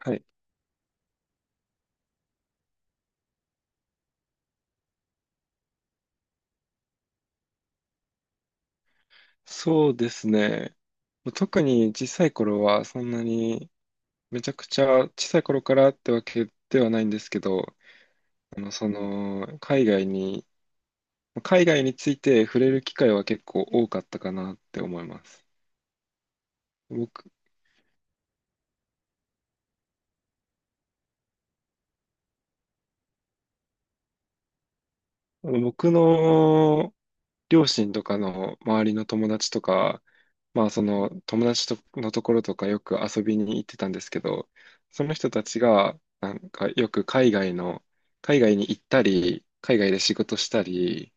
はい。そうですね。特に小さい頃はそんなに、めちゃくちゃ小さい頃からってわけではないんですけど、あの、その、海外に、海外について触れる機会は結構多かったかなって思います。僕、僕の両親とかの周りの友達とか、まあその友達とのところとかよく遊びに行ってたんですけど、その人たちがなんかよく海外の、海外に行ったり、海外で仕事したり、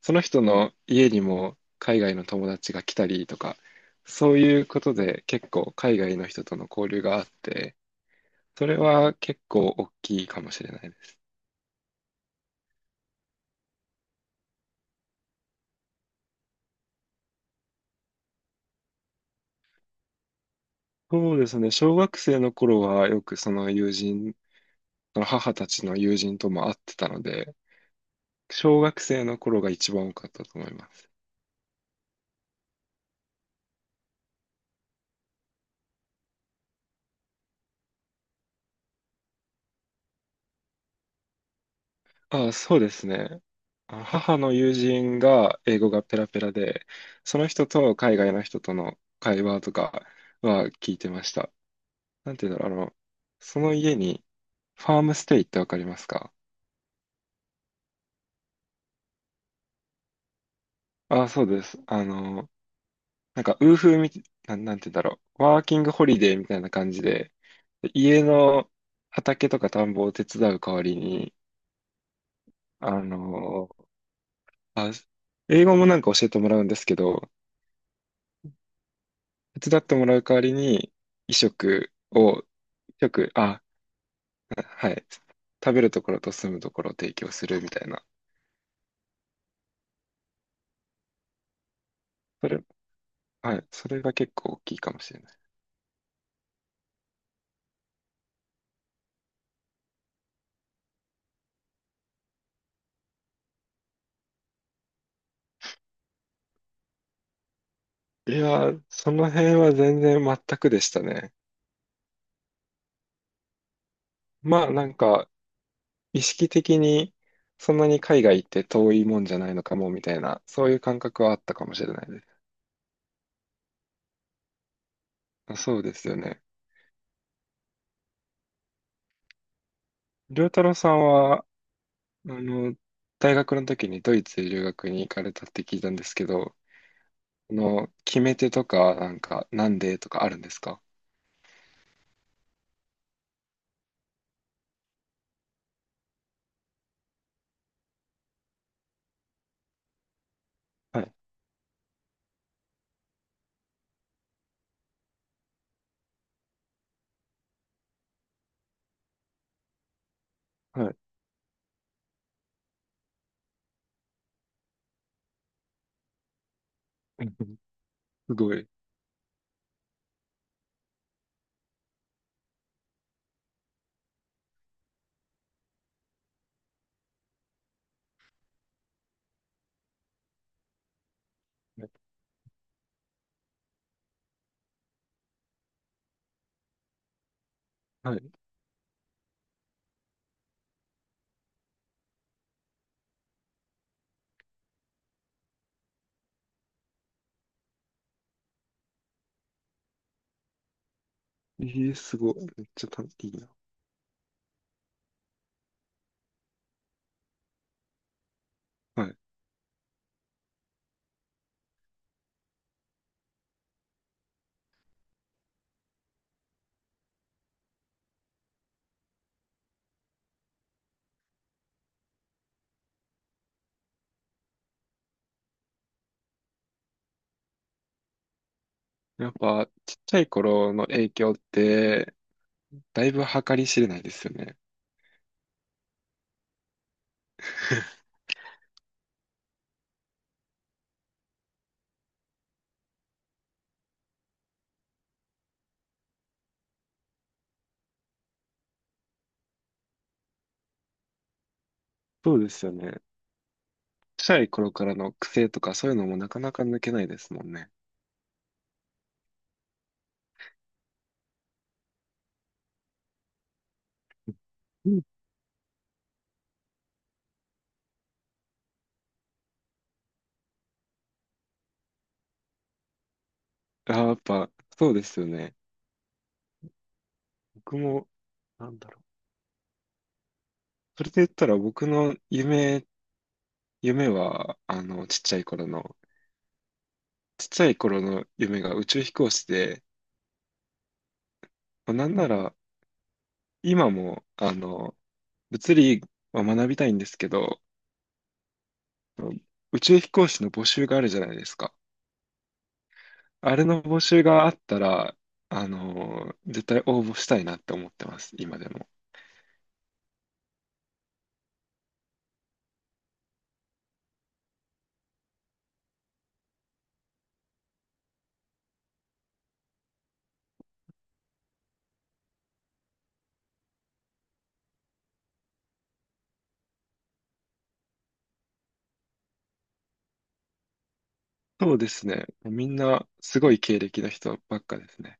その人の家にも海外の友達が来たりとか、そういうことで結構海外の人との交流があって、それは結構大きいかもしれないです。そうですね、小学生の頃はよくその友人、その母たちの友人とも会ってたので、小学生の頃が一番多かったと思います。あ、そうですね。あ、母の友人が英語がペラペラで、その人と海外の人との会話とかは聞いてました。なんていうんだろう、あの、その家にファームステイってわかりますか？あ、そうです。あの、なんか、ウーフーみ、なん、なんていうんだろう、ワーキングホリデーみたいな感じで、家の畑とか田んぼを手伝う代わりに、あの、あ、英語もなんか教えてもらうんですけど、手伝ってもらう代わりに、衣食を、食、あ、はい、食べるところと住むところを提供するみたいな。それ、はい、それが結構大きいかもしれない。いやー、その辺は全然全くでしたね。まあ、なんか、意識的に、そんなに海外行って遠いもんじゃないのかも、みたいな、そういう感覚はあったかもしれないです。まあそうですよね。良太郎さんは、あの、大学の時にドイツ留学に行かれたって聞いたんですけど、の、決め手とか、なんか、なんでとかあるんですか？はい、はい。すごい。はいい。えー、すごい。めっちゃたいいな。はい。やっぱ、ちっちゃい頃の影響って、だいぶ計り知れないですよね。そうですよね。ちっちゃい頃からの癖とか、そういうのもなかなか抜けないですもんね。うん。あー、やっぱ、そうですよね。僕も、なんだろう。それで言ったら、僕の夢、夢は、ちっちゃい頃の夢が宇宙飛行士で、まあなんなら今も、あの、物理は学びたいんですけど、宇宙飛行士の募集があるじゃないですか。あれの募集があったら、あの、絶対応募したいなって思ってます、今でも。そうですね。みんなすごい経歴の人ばっかですね。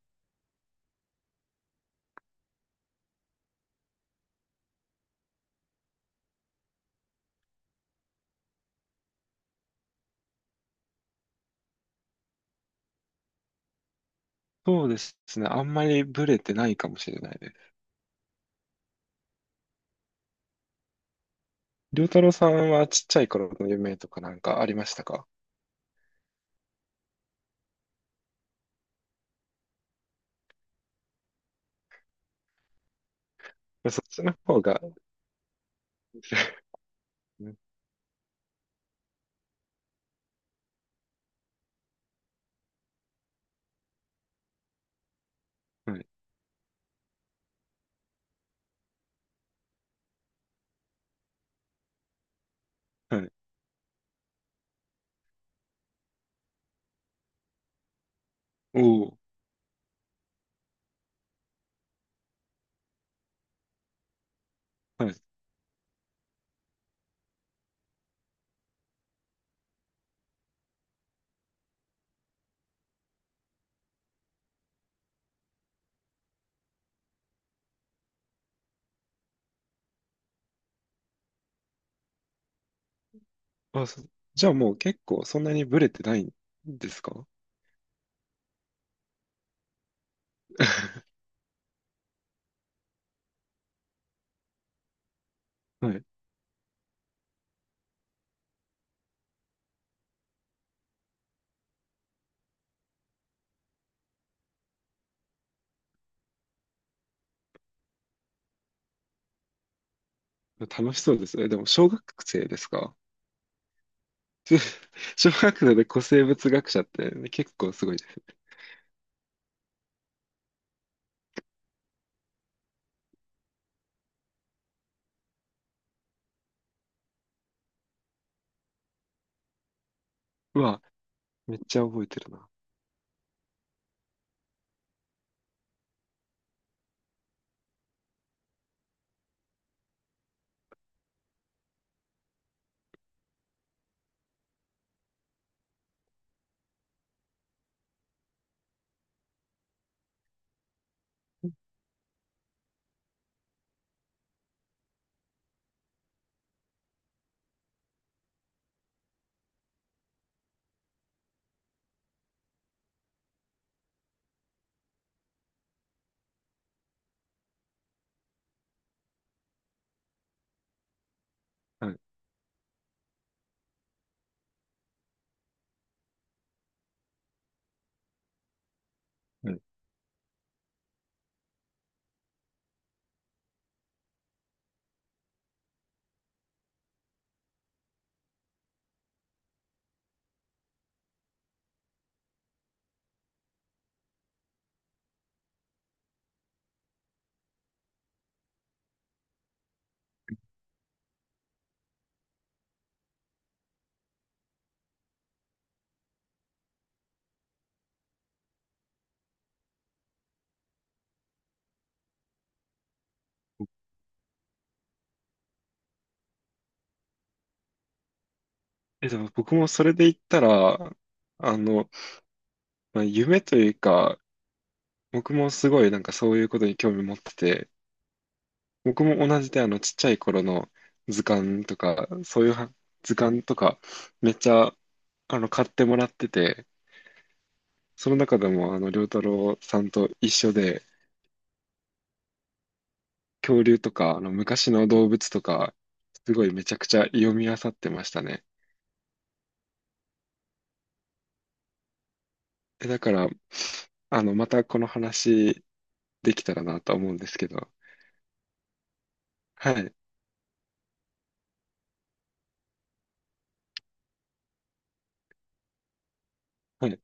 そうですね。あんまりブレてないかもしれないです。りょうたろうさんはちっちゃい頃の夢とかなんかありましたか？そっちの方が。はい。はい。おお、はい。あ、そ、じゃあもう結構そんなにブレてないんですか？ はい。楽しそうですね。でも小学生ですか？小学生で古生物学者ってね、結構すごいです。うわ、めっちゃ覚えてるな。はい。はい。え、でも僕もそれで言ったら、あの、まあ、夢というか、僕もすごいなんかそういうことに興味持ってて、僕も同じで、あの、ちっちゃい頃の図鑑とか、そういうは図鑑とかめっちゃ、あの、買ってもらってて、その中でも、あの、良太郎さんと一緒で、恐竜とか、あの、昔の動物とか、すごいめちゃくちゃ読み漁ってましたね。え、だから、あの、またこの話できたらなと思うんですけど。はい。はい。